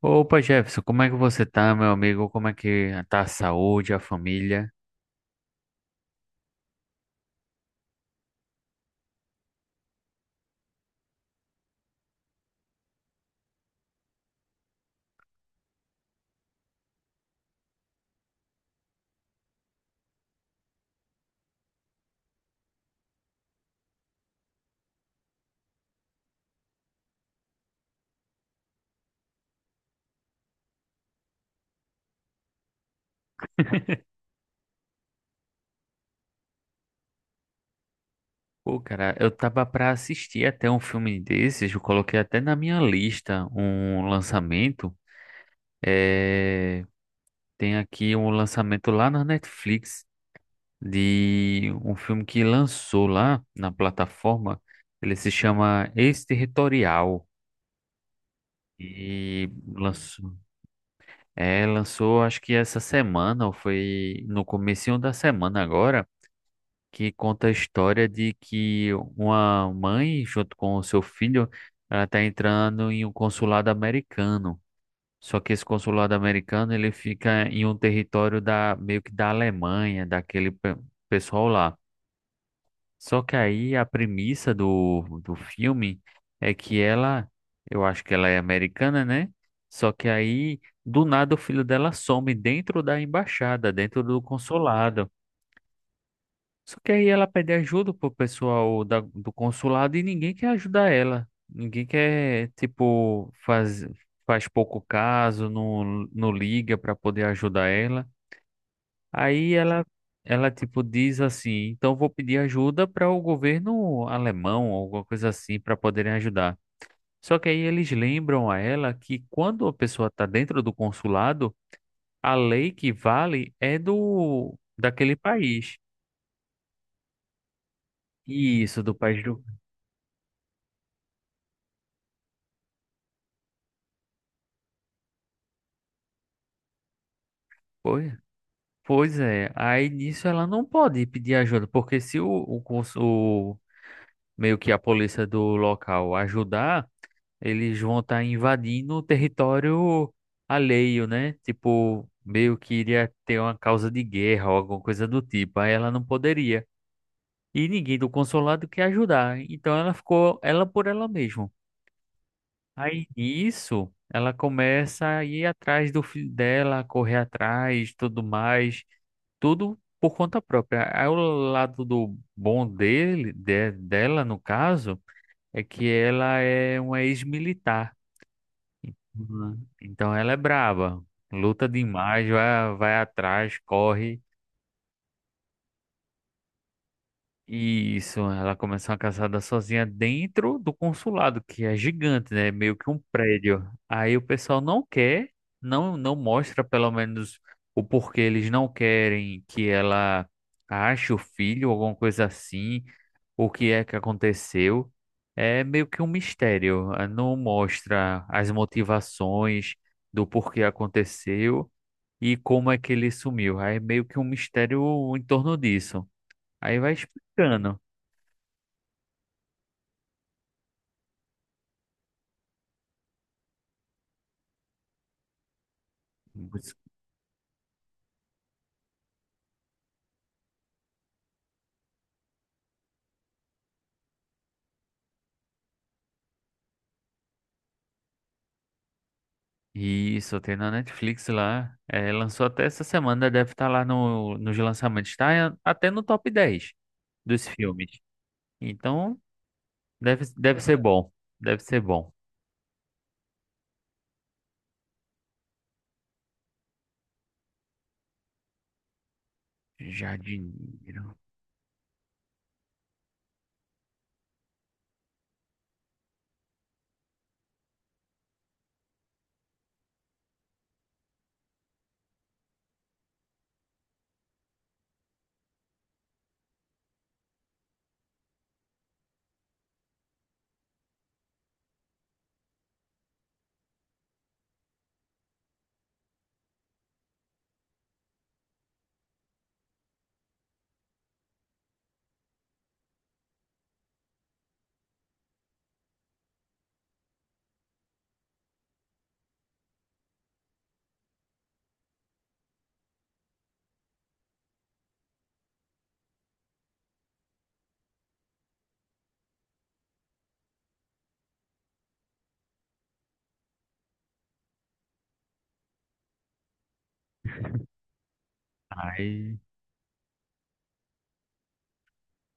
Opa, Jefferson, como é que você tá, meu amigo? Como é que tá a saúde, a família? Pô, cara, eu tava pra assistir até um filme desses, eu coloquei até na minha lista um lançamento. É... Tem aqui um lançamento lá na Netflix de um filme que lançou lá na plataforma. Ele se chama Ex-Territorial. E lançou, lançou acho que essa semana, ou foi no comecinho da semana agora, que conta a história de que uma mãe, junto com o seu filho, ela está entrando em um consulado americano. Só que esse consulado americano ele fica em um território da meio que da Alemanha, daquele pessoal lá. Só que aí a premissa do filme é que ela, eu acho que ela é americana, né? Só que aí do nada o filho dela some dentro da embaixada, dentro do consulado. Só que aí ela pede ajuda pro pessoal do consulado e ninguém quer ajudar ela. Ninguém quer, tipo, faz pouco caso, não liga para poder ajudar ela. Aí ela, tipo, diz assim: então vou pedir ajuda para o governo alemão, alguma coisa assim, para poderem ajudar. Só que aí eles lembram a ela que quando a pessoa está dentro do consulado, a lei que vale é do daquele país. Isso, do país do. Pois Pois é, aí nisso ela não pode pedir ajuda, porque se meio que a polícia do local ajudar, eles vão estar invadindo o território alheio, né? Tipo, meio que iria ter uma causa de guerra ou alguma coisa do tipo. Aí ela não poderia. E ninguém do consulado quer ajudar. Então ela ficou ela por ela mesma. Aí nisso, ela começa a ir atrás do filho dela, correr atrás, tudo mais, tudo por conta própria. Aí o lado do bom dele, dela no caso, é que ela é uma ex-militar. Uhum. Então ela é braba, luta demais, vai atrás, corre. Isso, ela começou uma caçada sozinha dentro do consulado, que é gigante, né? Meio que um prédio. Aí o pessoal não quer, não mostra pelo menos o porquê eles não querem que ela ache o filho, alguma coisa assim, o que é que aconteceu. É meio que um mistério, não mostra as motivações do porquê aconteceu e como é que ele sumiu. Aí é meio que um mistério em torno disso. Aí vai explicando. Isso, tem na Netflix lá. É, lançou até essa semana, deve estar lá no, nos lançamentos. Tá até no top 10 dos filmes. Então, deve ser bom. Deve ser bom. Jardineiro. Aí.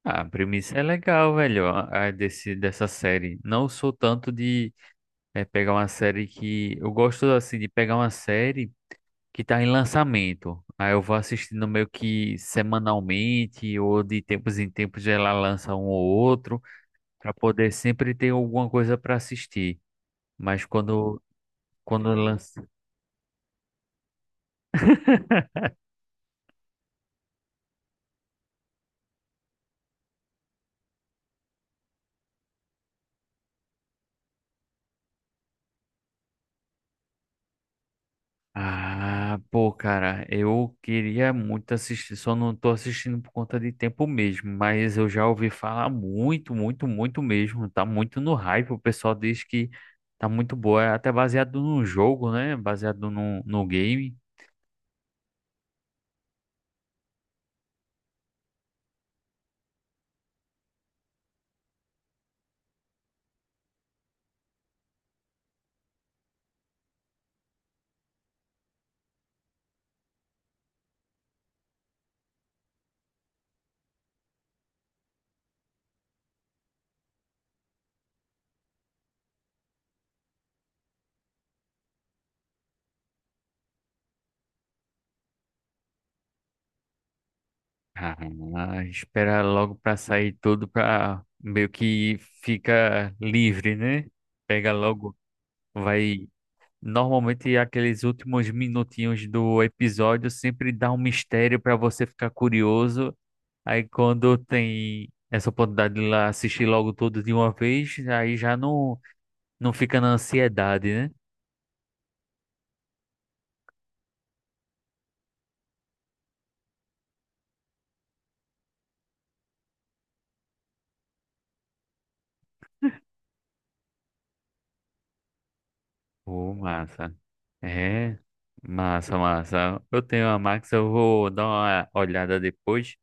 Ah, a premissa é legal, velho, a desse, dessa série. Não sou tanto de pegar uma série que. Eu gosto, assim, de pegar uma série que tá em lançamento. Aí eu vou assistindo meio que semanalmente ou de tempos em tempos ela lança um ou outro para poder sempre ter alguma coisa para assistir. Mas quando lança, ah, pô, cara, eu queria muito assistir, só não tô assistindo por conta de tempo mesmo, mas eu já ouvi falar muito, muito, muito mesmo, tá muito no hype, o pessoal diz que tá muito boa, é até baseado num jogo, né? Baseado num no game. Ah, espera logo pra sair tudo pra meio que fica livre, né? Pega logo, vai. Normalmente aqueles últimos minutinhos do episódio sempre dá um mistério pra você ficar curioso. Aí quando tem essa oportunidade de ir lá assistir logo tudo de uma vez, aí já não fica na ansiedade, né? Pô, massa. É, massa, massa. Eu tenho a Max, eu vou dar uma olhada depois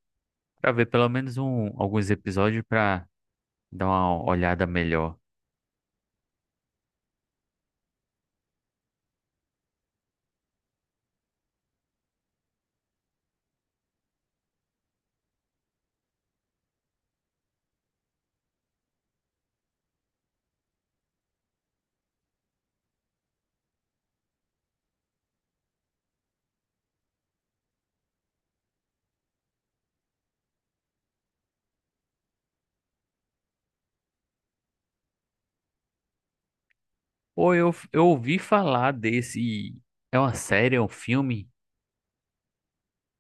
pra ver pelo menos um, alguns episódios pra dar uma olhada melhor. Pô, eu ouvi falar desse. É uma série, é um filme?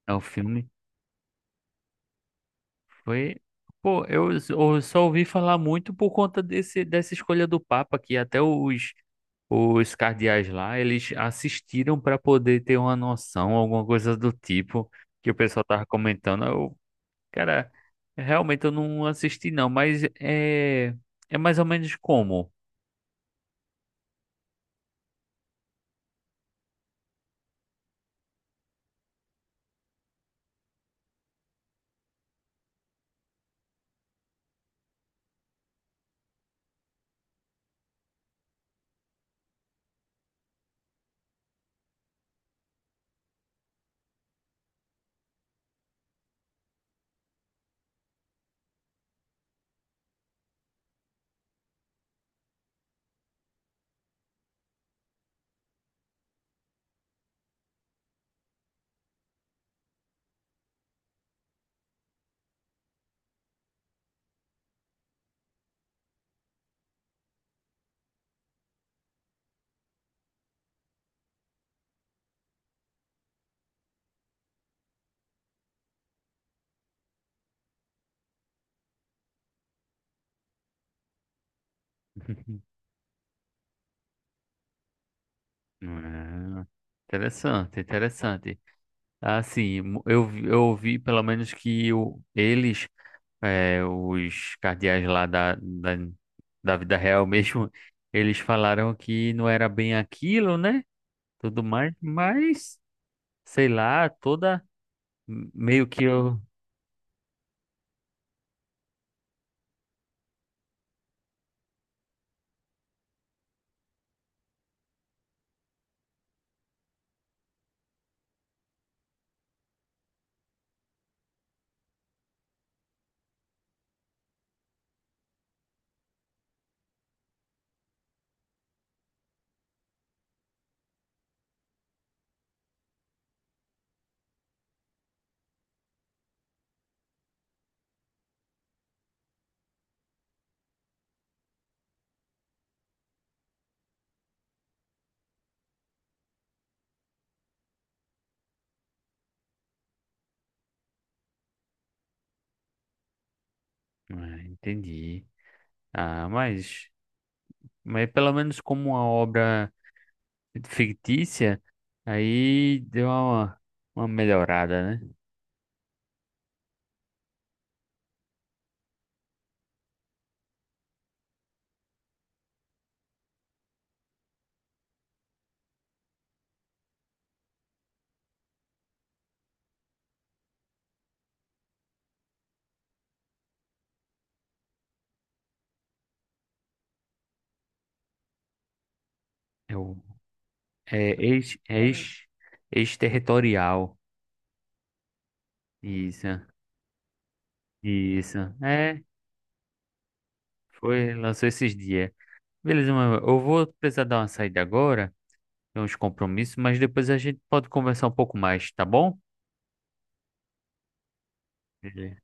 É um filme. Foi. Pô, eu só ouvi falar muito por conta desse, dessa escolha do Papa, que até os cardeais lá, eles assistiram pra poder ter uma noção, alguma coisa do tipo, que o pessoal tava comentando. Eu, cara, realmente eu não assisti não, mas é, é mais ou menos como. Ah, interessante, interessante. Assim, eu ouvi pelo menos que eles, os cardeais lá da vida real mesmo, eles falaram que não era bem aquilo, né? Tudo mais, mas sei lá, toda meio que eu. Ah, entendi. Ah, mas pelo menos como uma obra fictícia, aí deu uma melhorada, né? Eu é ex, ex, ex-territorial. Isso, isso. É, foi, lançou esses dias. Beleza, mas eu vou precisar dar uma saída agora, tem uns compromissos, mas depois a gente pode conversar um pouco mais, tá bom? Beleza,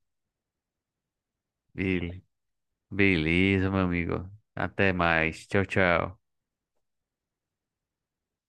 Bele- beleza, meu amigo. Até mais. Tchau, tchau.